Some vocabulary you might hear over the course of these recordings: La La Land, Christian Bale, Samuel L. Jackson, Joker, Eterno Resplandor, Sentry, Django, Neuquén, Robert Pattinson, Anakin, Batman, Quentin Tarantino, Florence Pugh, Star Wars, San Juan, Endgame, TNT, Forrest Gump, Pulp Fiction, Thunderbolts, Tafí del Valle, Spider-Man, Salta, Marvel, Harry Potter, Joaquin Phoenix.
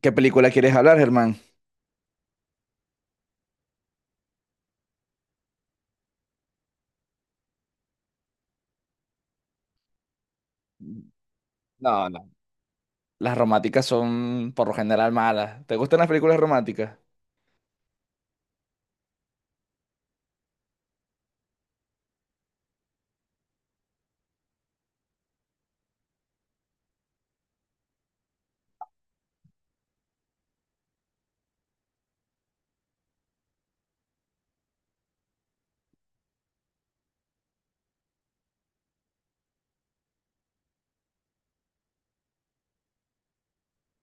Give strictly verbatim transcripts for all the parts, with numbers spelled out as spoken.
¿Qué película quieres hablar, Germán? No, no. Las románticas son por lo general malas. ¿Te gustan las películas románticas?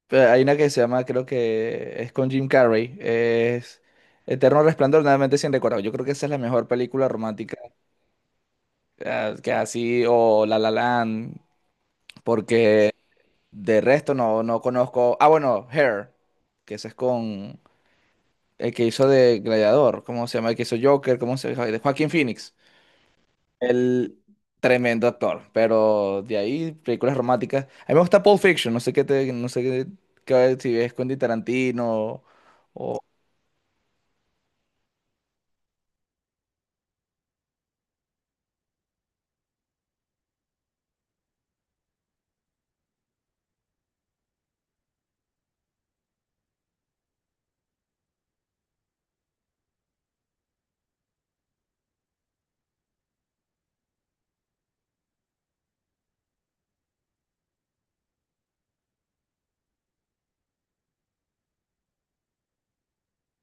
Eh, Hay una que se llama, creo que es con Jim Carrey. Es Eterno Resplandor, de una mente sin recuerdo. Yo creo que esa es la mejor película romántica eh, que así, o La La Land, porque de resto no, no conozco. Ah, bueno, Hair, que ese es con el que hizo de Gladiador. ¿Cómo se llama? El que hizo Joker, ¿cómo se llama? De Joaquin Phoenix. El tremendo actor, pero de ahí películas románticas. A mí me gusta Pulp Fiction, no sé qué te, no sé qué, qué- si ves Quentin Tarantino o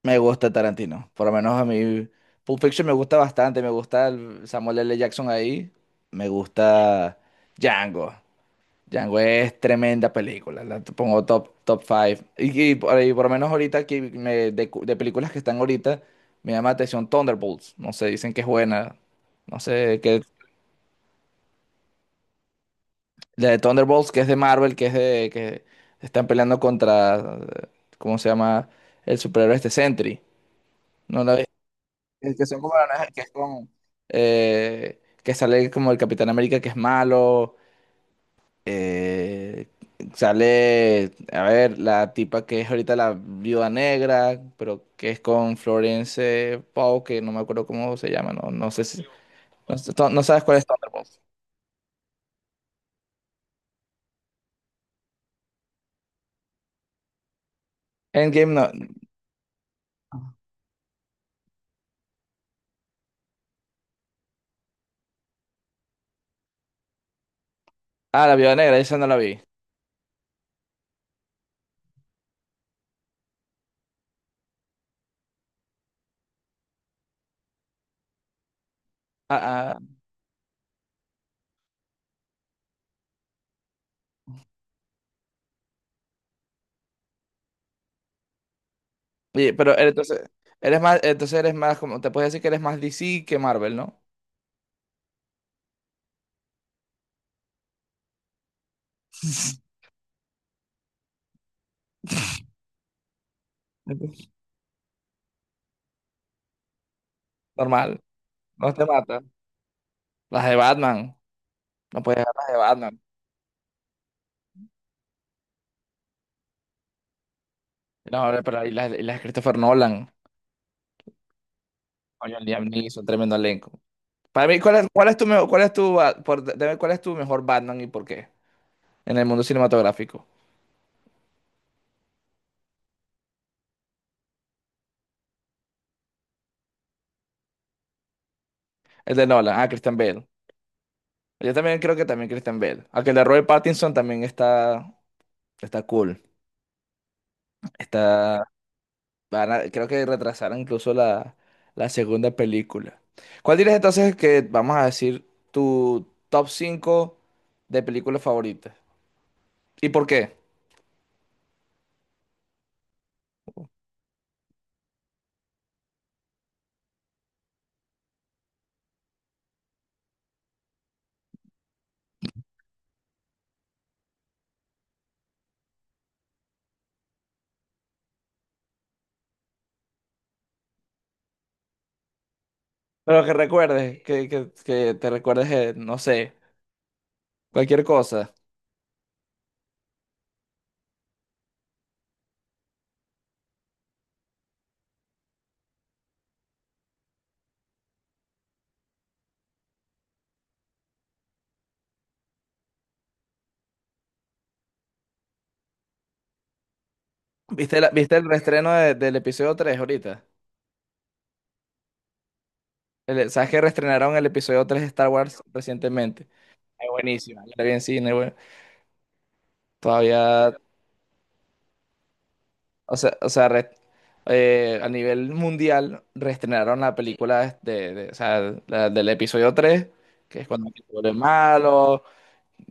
me gusta Tarantino. Por lo menos a mí Pulp Fiction me gusta bastante, me gusta el Samuel L. Jackson ahí, me gusta Django. Django es tremenda película, la t- pongo top top cinco. Y, y por ahí, por lo menos ahorita que me- de, cu- de películas que están ahorita me llama la atención Thunderbolts, no sé, dicen que es buena. No sé, ¿qué? La de Thunderbolts, que es de Marvel, que es de que están peleando contra, eh, ¿cómo se llama? El superhéroe este Sentry. ¿No la ves? Es que son como la que es con, eh, que sale como el Capitán América que es malo. eh, Sale, a ver, la tipa que es ahorita la Viuda Negra, pero que es con Florence Pugh, que no me acuerdo cómo se llama. No, no sé si, no, no sabes cuál es Thunderbolts. Endgame no. Ah, la Viuda Negra, esa no la vi. Ah, ah. Oye, pero eres- entonces, eres más, entonces eres más como, te puedes decir que eres más D C que Marvel, ¿no? Normal, no te mata. Las de Batman, no puedes ver las de Batman. No, pero ahí las, y las de Christopher Nolan, coño, el Liam Neeson, tremendo elenco. Para mí, ¿cuál es, cuál es tu mejor, cuál es tu, ba- por- dime cuál es tu mejor Batman y por qué? En el mundo cinematográfico. El de Nolan, ah, Christian Bale. Yo también creo que también Christian Bale. Aunque el de Robert Pattinson también está, está cool. Está. Van a- creo que retrasaron incluso la, la segunda película. ¿Cuál dirías entonces que vamos a decir tu top cinco de películas favoritas? ¿Y por qué? Pero que recuerdes, que, que- que te recuerdes, eh, no sé, cualquier cosa. ¿Viste, la- viste el reestreno de- del episodio tres ahorita? El- ¿sabes que reestrenaron el episodio tres de Star Wars recientemente? Es buenísima, yo la vi en cine. Bueno, todavía. O sea, o sea, re- eh, a nivel mundial reestrenaron la película de, de- o sea, la del episodio tres, que es cuando se vuelve malo,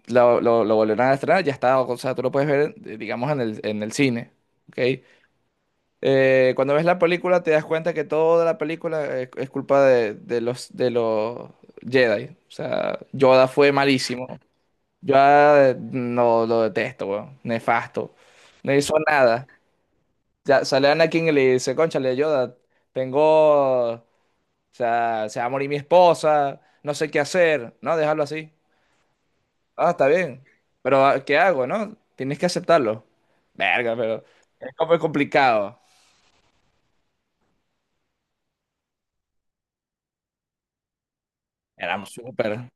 lo, lo, lo volvieron a estrenar, ya está. O sea, tú lo puedes ver, eh, digamos, en el, en el cine, ¿ok? Eh, cuando ves la película te das cuenta que toda la película es, es culpa de, de los, de los Jedi. O sea, Yoda fue malísimo. Yoda eh, no lo detesto, weón, nefasto, no hizo nada. Ya sale Anakin y le dice, cónchale, Yoda, tengo, o sea, se va a morir mi esposa, no sé qué hacer. No, déjalo así. Ah, está bien, pero ah, ¿qué hago, no? Tienes que aceptarlo. Verga, pero es como complicado. Éramos súper,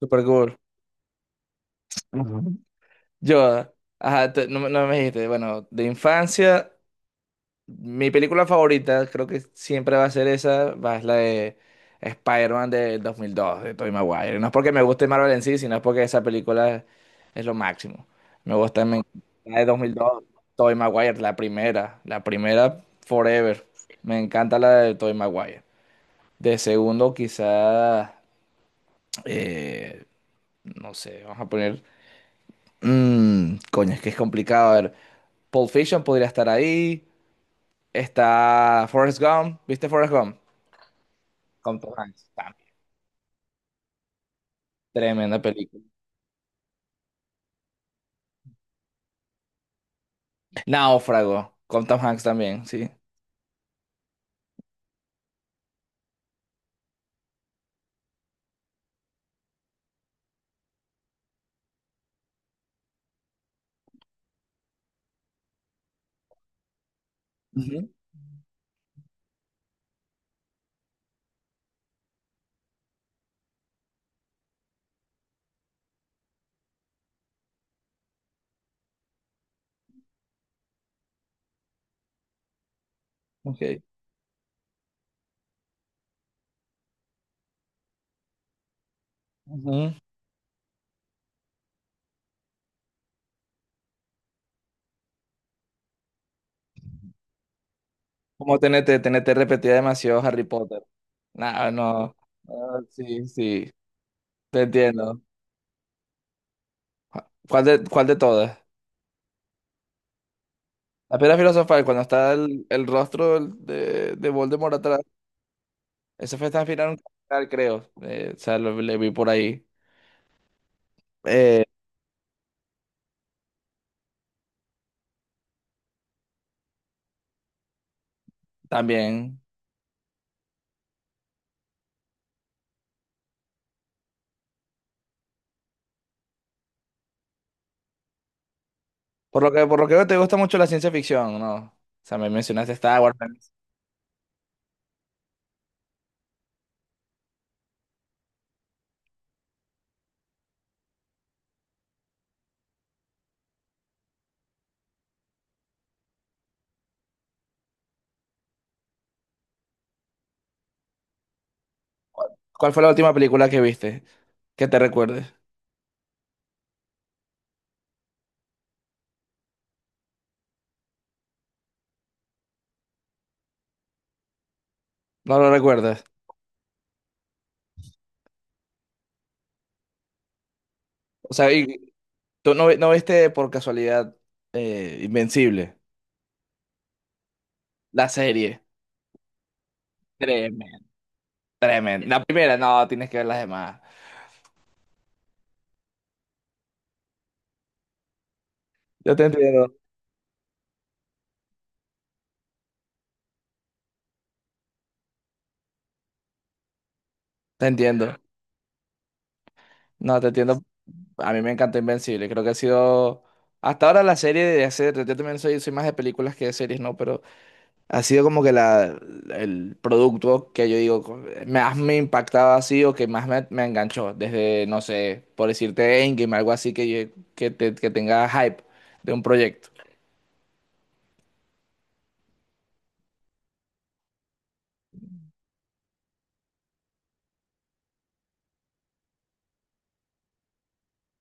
súper cool. Ujú. Yoda, ajá, te- no, me no me dijiste, bueno, de infancia. Mi película favorita creo que siempre va a ser esa, va es la de Spider-Man del dos mil dos, de Tobey Maguire. No es porque me guste Marvel en sí, sino es porque esa película es lo máximo. Me gusta, me encanta la de dos mil dos, Tobey Maguire, la primera, la primera forever. Me encanta la de Tobey Maguire. De segundo quizá, eh, no sé, vamos a poner... mm, coño, es que es complicado. A ver, Pulp Fiction podría estar ahí. Está Forrest Gump. ¿Viste Forrest Gump? Con Tom Hanks también. Tremenda película. Náufrago, con Tom Hanks también, sí. Ujú. Ok. Ujú. Como T N T, T N T repetía demasiado Harry Potter. No, no. Ah, sí, sí. Te entiendo. ¿Cuál de, cuál de todas? La piedra filosofal, cuando está el, el rostro de, de Voldemort atrás. Eso fue tan final, creo. Eh, o sea, lo- le vi por ahí. Eh, También. Por lo que, por lo que veo, te gusta mucho la ciencia ficción, ¿no? O sea, me mencionaste Star Wars. me mencionaste- ¿Cuál fue la última película que viste? Que te recuerdes. No lo recuerdas. O sea, y tú no, vi- no viste por casualidad eh, Invencible, la serie. Tremendo, tremendo. La primera, no, tienes que ver las demás. Yo te entiendo. Te entiendo. No, te entiendo. A mí me encanta Invencible. Creo que ha sido hasta ahora la serie de hacer. Yo también soy, soy más de películas que de series, ¿no? Ha sido como que la, el producto que yo digo, co- más me impactaba así, o que más me, me enganchó, desde, no sé, por decirte Endgame, algo así que, yo- que, te- que tenga hype de un proyecto.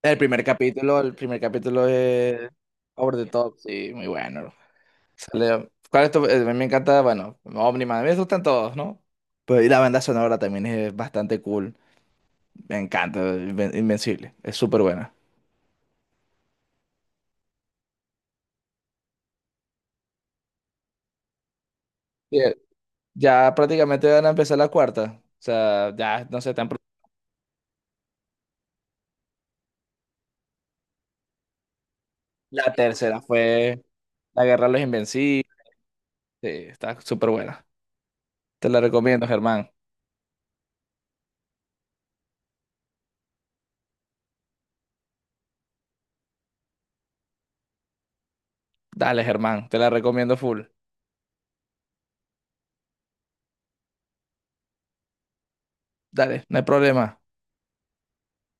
El primer capítulo, el primer capítulo es Over the Top, sí, muy bueno. Sale- ¿cuál es tu- eh, me encanta, bueno, Omniman? A mí me gustan todos, ¿no? Pero y la banda sonora también es bastante cool. Me encanta, Inven- Invencible, es súper buena. Ya prácticamente van a empezar la cuarta. O sea, ya no sé tan pro- La tercera fue La Guerra de los Invencibles. Sí, está súper buena. Te la recomiendo, Germán. Dale, Germán, te la recomiendo full. Dale, no hay problema.